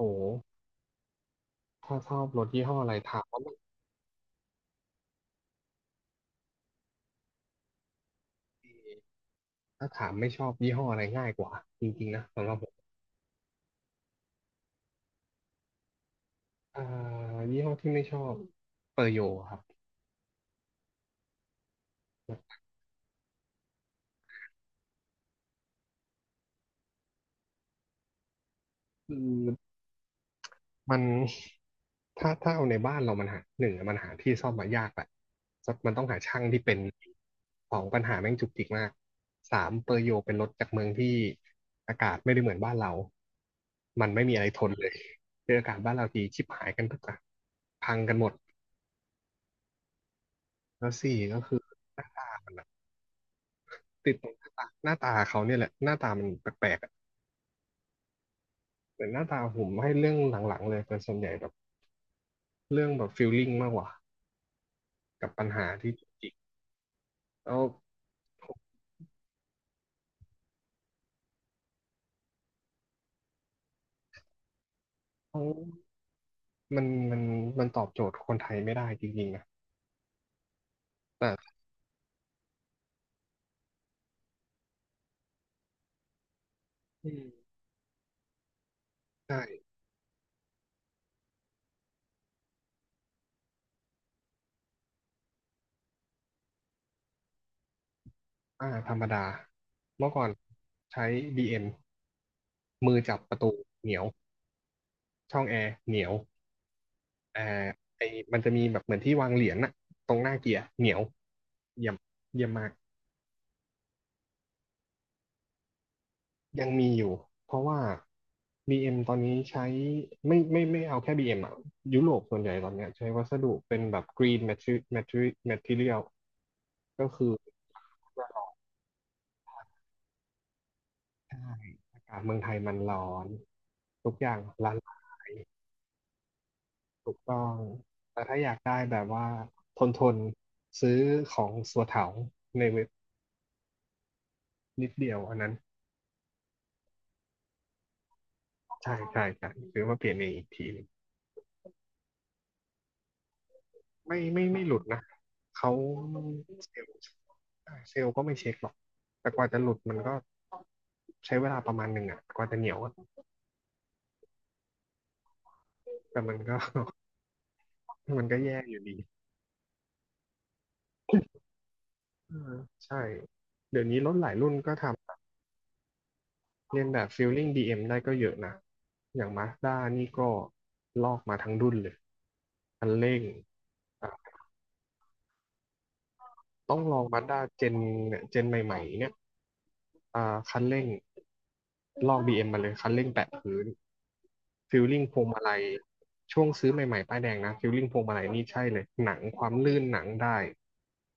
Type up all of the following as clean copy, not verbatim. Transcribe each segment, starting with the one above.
โอ้ถ้าชอบรถยี่ห้ออะไรถามว่าบางทีถ้าถามไม่ชอบยี่ห้ออะไรง่ายกว่าจริงๆนะสำหรับผมอ่า ยี่ห้อที่ไม่ชอบเปอร์โยครับคือมันถ้าเอาในบ้านเรามันหาหนึ่งอะมันหาที่ซ่อมมายากแหละสักมันต้องหาช่างที่เป็นสองปัญหาแม่งจุกจิกมากสามเปอร์โยเป็นรถจากเมืองที่อากาศไม่ได้เหมือนบ้านเรา มันไม่มีอะไรทนเลยเจออากาศบ้านเราทีชิบหายกันทุกอ่ะพังกันหมดแล้วสี่ก็คือ ติดตรงหน้าตาหน้าตาเขาเนี่ยแหละหน้าตามันแปลกๆอะแต่หน้าตาผมให้เรื่องหลังๆเลยเป็นส่วนใหญ่แบบเรื่องแบบฟีลลิ่งมากกว่ากับปัญหาที่จุกจิกแล้วเขามันมันมันตอบโจทย์คนไทยไม่ได้จริงๆนะแต่อืมใช่ธรรมดาเมื่อก่อนใช้ BM มมือจับประตูเหนียวช่องแอร์เหนียวแอร์ไอมันจะมีแบบเหมือนที่วางเหรียญน่ะตรงหน้าเกียร์เหนียวเยี่ยมเยี่ยมมาก ยังมีอยู่เพราะว่า BM ตอนนี้ใช้ไม่เอาแค่ BM อมอ่ะยุโรปส่วนใหญ่ตอนเนี้ยใช้วัสดุเป็นแบบ green material ก็คือใช่อากาศเมืองไทยมันร้อนทุกอย่างละลายถูกต้องแต่ถ้าอยากได้แบบว่าทนทนซื้อของสัวเถาในเว็บนิดเดียวอันนั้นใช่ใช่ใช่ซื้อมาเปลี่ยนเองอีกที ไม่หลุดนะเขาเซลล์เซลล์ก็ไม่เช็คหรอกแต่กว่าจะหลุดมันก็ใช้เวลาประมาณหนึ่งอ่ะกว่าจะเหนียวอะแต่มันก็ มันก็แย่อยู่ดีเออใช่เดี๋ยวนี้รถหลายรุ่นก็ทำเลียนแบบ Feeling DM ได้ก็เยอะนะอย่าง Mazda นี่ก็ลอกมาทั้งรุ่นเลยคันเร่งอ่ะต้องลอง Mazda เจนเนี่ยเจนใหม่ๆเนี่ยคันเร่ง ลอกบีเอ็มมาเลยคันเร่งแปะพื้นฟิลลิ่งพวงมาลัยช่วงซื้อใหม่ๆป้ายแดงนะฟิลลิ่งพวงมาลัยนี่ใช่เลยหนังความลื่นหนังได้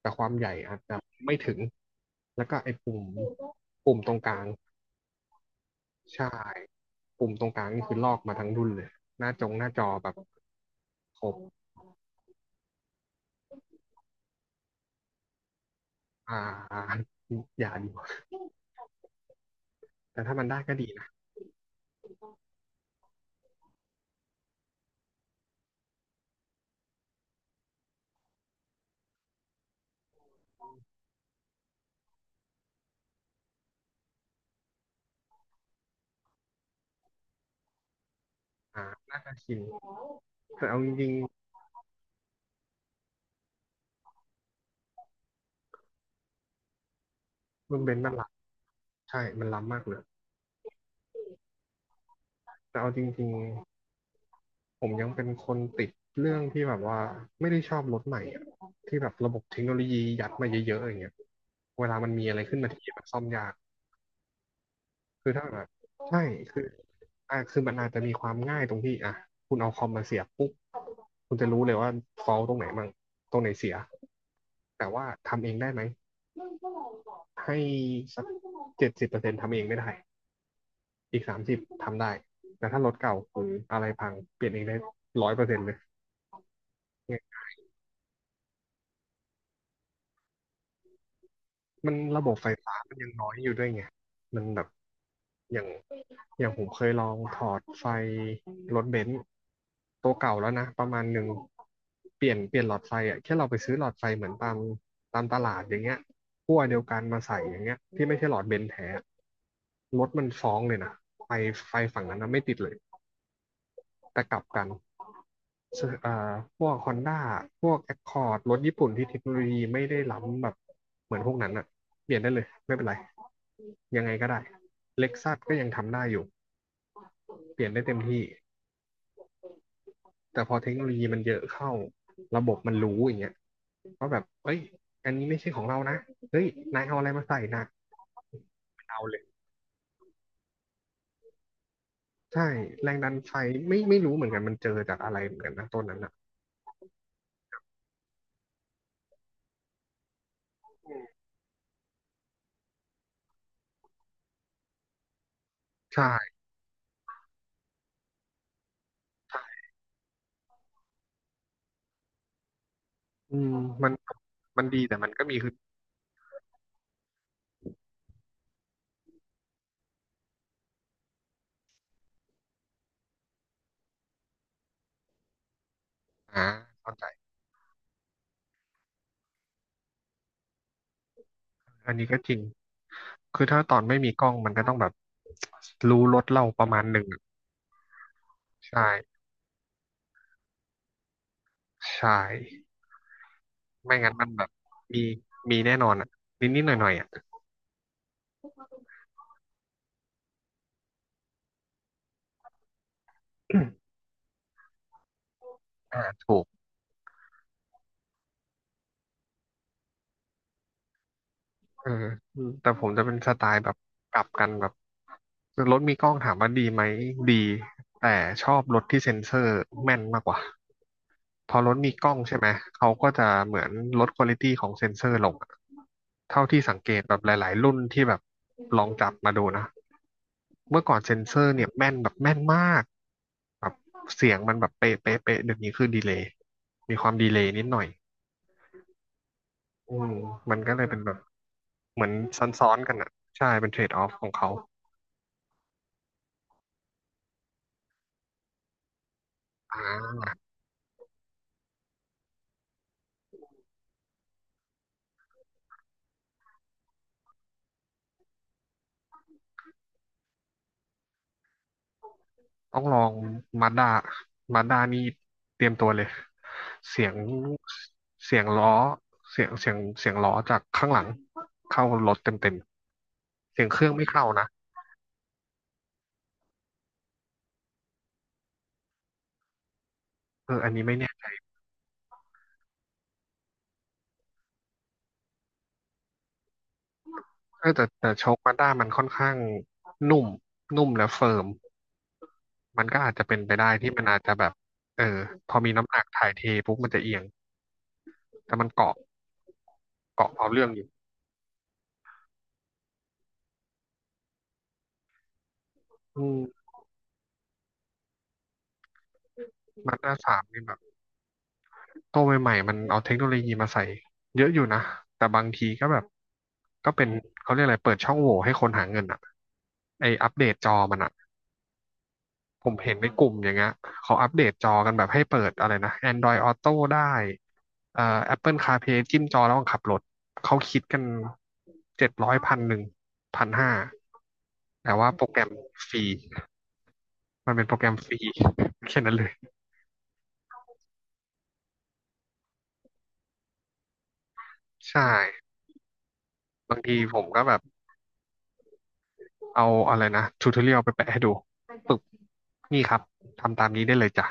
แต่ความใหญ่อาจจะไม่ถึงแล้วก็ไอ้ปุ่มปุ่มตรงกลางใช่ปุ่มตรงกลางนี่คือลอกมาทั้งรุ่นเลยหน้าจอแบบครบอ่าอย่าดีกว่าแต่ถ้ามันได้ก็ดีนะอ่าน่าจะชินแต่เอาจริงๆรุ่นเบนซ์มันล้ำใช่มันล้ำมากเลยแต่เอาจริง ผมยังเป็นคนติดเรื่องที่แบบว่าไม่ได้ชอบรถใหม่อะที่แบบระบบเทคโนโลยียัดมาเยอะๆอย่างเงี้ยเวลามันมีอะไรขึ้นมาที่มันซ่อมยากคือถ้าแบบใช่คือคือมันอาจจะมีความง่ายตรงที่อ่ะคุณเอาคอมมาเสียบปุ๊บคุณจะรู้เลยว่าฟอลตรงไหนมั่งตรงไหนเสีย แต่ว่าทำเองได้ไหมให้สัก70%ทำเองไม่ได้อีก30ทำได้แต่ถ้ารถเก่าหรืออะไรพังเปลี่ยนเองได้100%เลย มันระบบไฟฟ้ามันยังน้อยอยู่ด้วยไง มันแบบอย่างอย่างผมเคยลองถอดไฟรถเบนซ์ตัวเก่าแล้วนะประมาณหนึ่งเปลี่ยนหลอดไฟอ่ะแค่เราไปซื้อหลอดไฟเหมือนตามตลาดอย่างเงี้ยขั้วเดียวกันมาใส่อย่างเงี้ยที่ไม่ใช่หลอดเบนซ์แท้อะรถมันฟ้องเลยนะไฟไฟฝั่งนั้นนะไม่ติดเลยแต่กลับกันซึ่งพวกฮอนด้าพวกแอคคอร์ดรถญี่ปุ่นที่เทคโนโลยีไม่ได้ล้ำแบบเหมือนพวกนั้นอ่ะเปลี่ยนได้เลยไม่เป็นไร ยังไงก็ได้ Lexus ก็ยังทำได้อยู่ เปลี่ยนได้เต็มที่ แต่พอเทคโนโลยีมันเยอะเข้า ระบบมันรู้อย่างเงี้ยว่าแบบเอ้ยอันนี้ไม่ใช่ของเรานะเฮ้ยนายเอาอะไรมาใส่นะเอาเลย ใช่ แรงดันไฟไม่รู้เหมือนกันมันเจอจากอะไรเหมือนกันนะต้นนั้นอ่ะใช่ใช่อืมมันมันดีแต่มันก็มีคืออ่าเข้าใจอันนี้ก็จริง คือถ้าตอนไม่มีกล้องมันก็ต้องแบบรู้รถเราประมาณหนึ่งอะใช่ใช่ ไม่งั้นมันแบบมีมีแน่นอนอ่ะนิดนิดหน่อยหน่อยๆอ่ะ ถูกเออแต่ผมจะเป็นสไตล์แบบกลับกันแบบรถมีกล้องถามว่าดีไหมดีแต่ชอบรถที่เซ็นเซอร์แม่นมากกว่าพอรถมีกล้องใช่ไหมเขาก็จะเหมือนลดควอลิตี้ของเซ็นเซอร์ลงอะเท่าที่สังเกตแบบหลายๆรุ่นที่แบบลองจับมาดูนะเมื่อก่อนเซ็นเซอร์เนี่ยแม่นแบบแม่นมากแบบเสียงมันแบบเป๊ะเป๊ะเป๊ะเดี๋ยวนี้คือดีเลย์มีความดีเลย์นิดหน่อย อืมมันก็เลยเป็นแบบเหมือนซ้อนๆกันอ่ะใช่ เป็นเทรดออฟของเขาอ่าต้องลองมาด้ามาด้านี่เตรียมตัวเลย เสียงล้อเสียงล้อจากข้างหลังเข้ารถเต็มๆ เสียงเครื่องไม่เข้านะเอออันนี้ไม่แน่เออแต่โชคมาด้ามันค่อนข้างนุ่มนุ่มและเฟิร์ม มันก็อาจจะเป็นไปได้ที่มันอาจจะแบบเออพอมีน้ำหนักถ่ายเทปุ๊บมันจะเอียง แต่มันเกาะเกาะเอาเรื่องอยู่ อืมมันหน้าสามนี่แบบตัวใหม่ๆมันเอาเทคโนโลยีมาใส่เยอะอยู่นะแต่บางทีก็แบบก็เป็นเขาเรียกอะไรเปิดช่องโหว่ให้คนหาเงินอ่ะไออัปเดตจอมันอ่ะผมเห็นในกลุ่มอย่างเงี้ยเขาอัปเดตจอกันแบบให้เปิดอะไรนะ Android Auto ได้เอ่อ Apple CarPlay จิ้มจอแล้วขับรถเขาคิดกัน7001,1001,500แต่ว่าโปรแกรมฟรีมันเป็นโปรแกรมฟรี แค่นั้นเลยใช่บางทีผมก็แบบ เอาอะไรนะทูทอเรียลไปแปะให้ดูปึ๊บนี่ครับทำตามนี้ได้เลยจ้ะ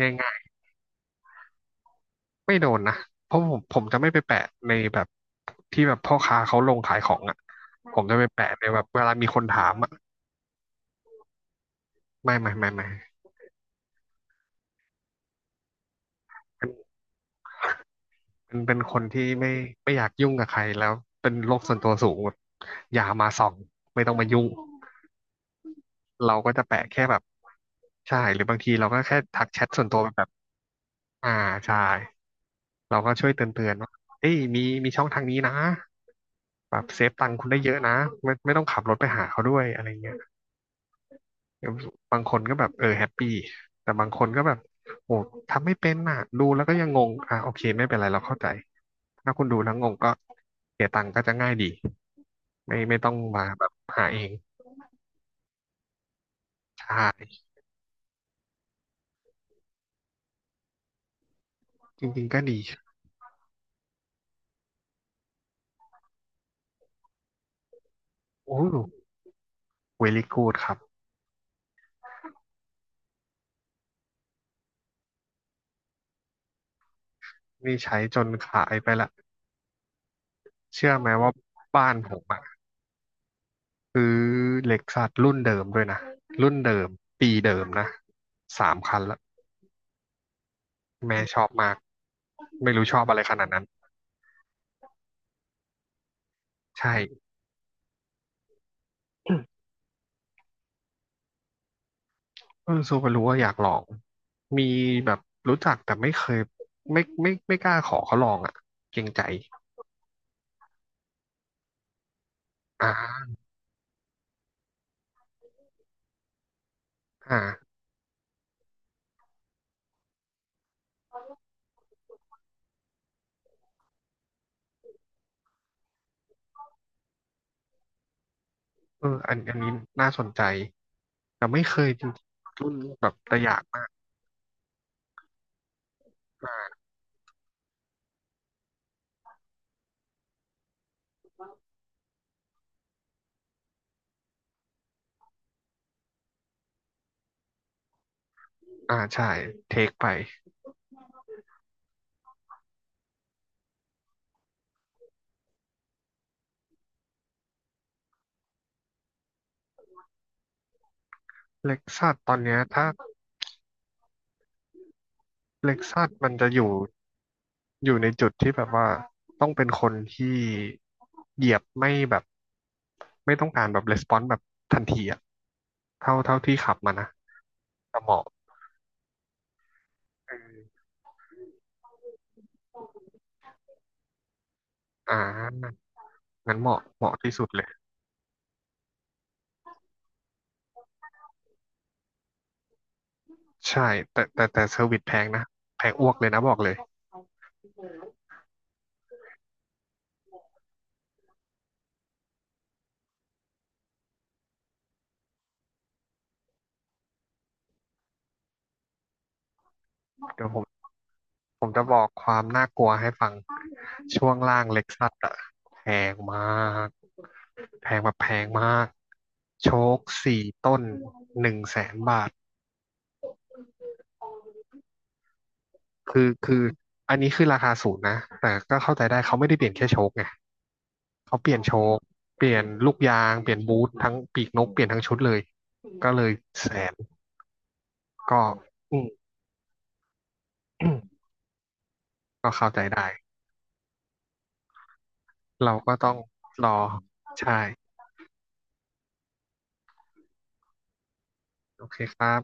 ง่ายๆเพราะผมจะไม่ไปแปะในแบบที่แบบพ่อค้าเขาลงขายของอ่ะผมจะไปแปะในแบบเวลามีคนถามอ่ะไม่ไม่ไม่ไม่เป็นเป็นเป็นคนที่ไม่อยากยุ่งกับใครแล้วเป็นโลกส่วนตัวสูงแบบอย่ามาส่องไม่ต้องมายุ่งเราก็จะแปะแค่แบบใช่หรือบางทีเราก็แค่ทักแชทส่วนตัวไปแบบอ่าใช่เราก็ช่วยเตือนๆว่าเอ้ยมีมีช่องทางนี้นะ แบบเซฟตังค์คุณได้เยอะนะไม่ไม่ต้องขับรถไปหาเขาด้วยอะไรเงี้ยบางคนก็แบบเออแฮปปี้แต่บางคนก็แบบโอ้ทำไม่เป็นน่ะดูแล้วก็ยังงงอ่ะโอเคไม่เป็นไรเราเข้าใจถ้าคุณดูแล้วงงก็เสียตังค์ก็จะง่ายดีไม่ไม่ต้องมาแบบหาเองใช่จริงๆก็ดีโอ้เวลิกูดครับนี่ใช้จนขายไปละเชื่อไหมว่าบ้านผมอะคือเล็กซัสรุ่นเดิมด้วยนะรุ่นเดิมปีเดิมนะ3 คันละ แม่ชอบมากไม่รู้ชอบอะไรขนาดนั้นใช่ เออซูเปรู้ว่าอยากลองมีแบบรู้จักแต่ไม่เคยไม่ไม่ไม่ไม่กล้าขอเขาลองอ่ะเกรงใจอ่าอ่าเอออันอันนี้น่าสนใจแต่ไม่เคยจริงๆรุ่นแบบแต่อยากมากอ่าใช่เทคไปเล็กซัสตอนเนี้ยถ้า เล็กซัสมันจะอยู่อยู่ในจุดที่แบบว่าต้องเป็นคนที่เหยียบไม่แบบไม่ต้องการแบบレスปอนส์แบบทันทีอะเท่าเท่าที่ขับมานะแต่เหมาะเอออ่างั้นเหมาะเหมาะที่สุดเลยใช่แต่แต่เซอร์วิสแพงนะแพงอ้วกเลยนะบอกเลยเดี๋ยวผม ผมจะบอกความน่ากลัวให้ฟังช่วงล่างเล็กซัสอะแพงมากแพงแบบแพงมากโชคสี่ต้น100,000 บาทคืออันนี้คือราคาศูนย์นะแต่ก็เข้าใจได้เขาไม่ได้เปลี่ยนแค่โชคไงเขาเปลี่ยนโชคเปลี่ยนลูกยางเปลี่ยนบูททั้งปีกนกเปลี่ยนทั้งชุดเลยก็เลยแสนก็อืม ก็เข้าใจได้เราก็ต้องรอใช่ โอเคครับ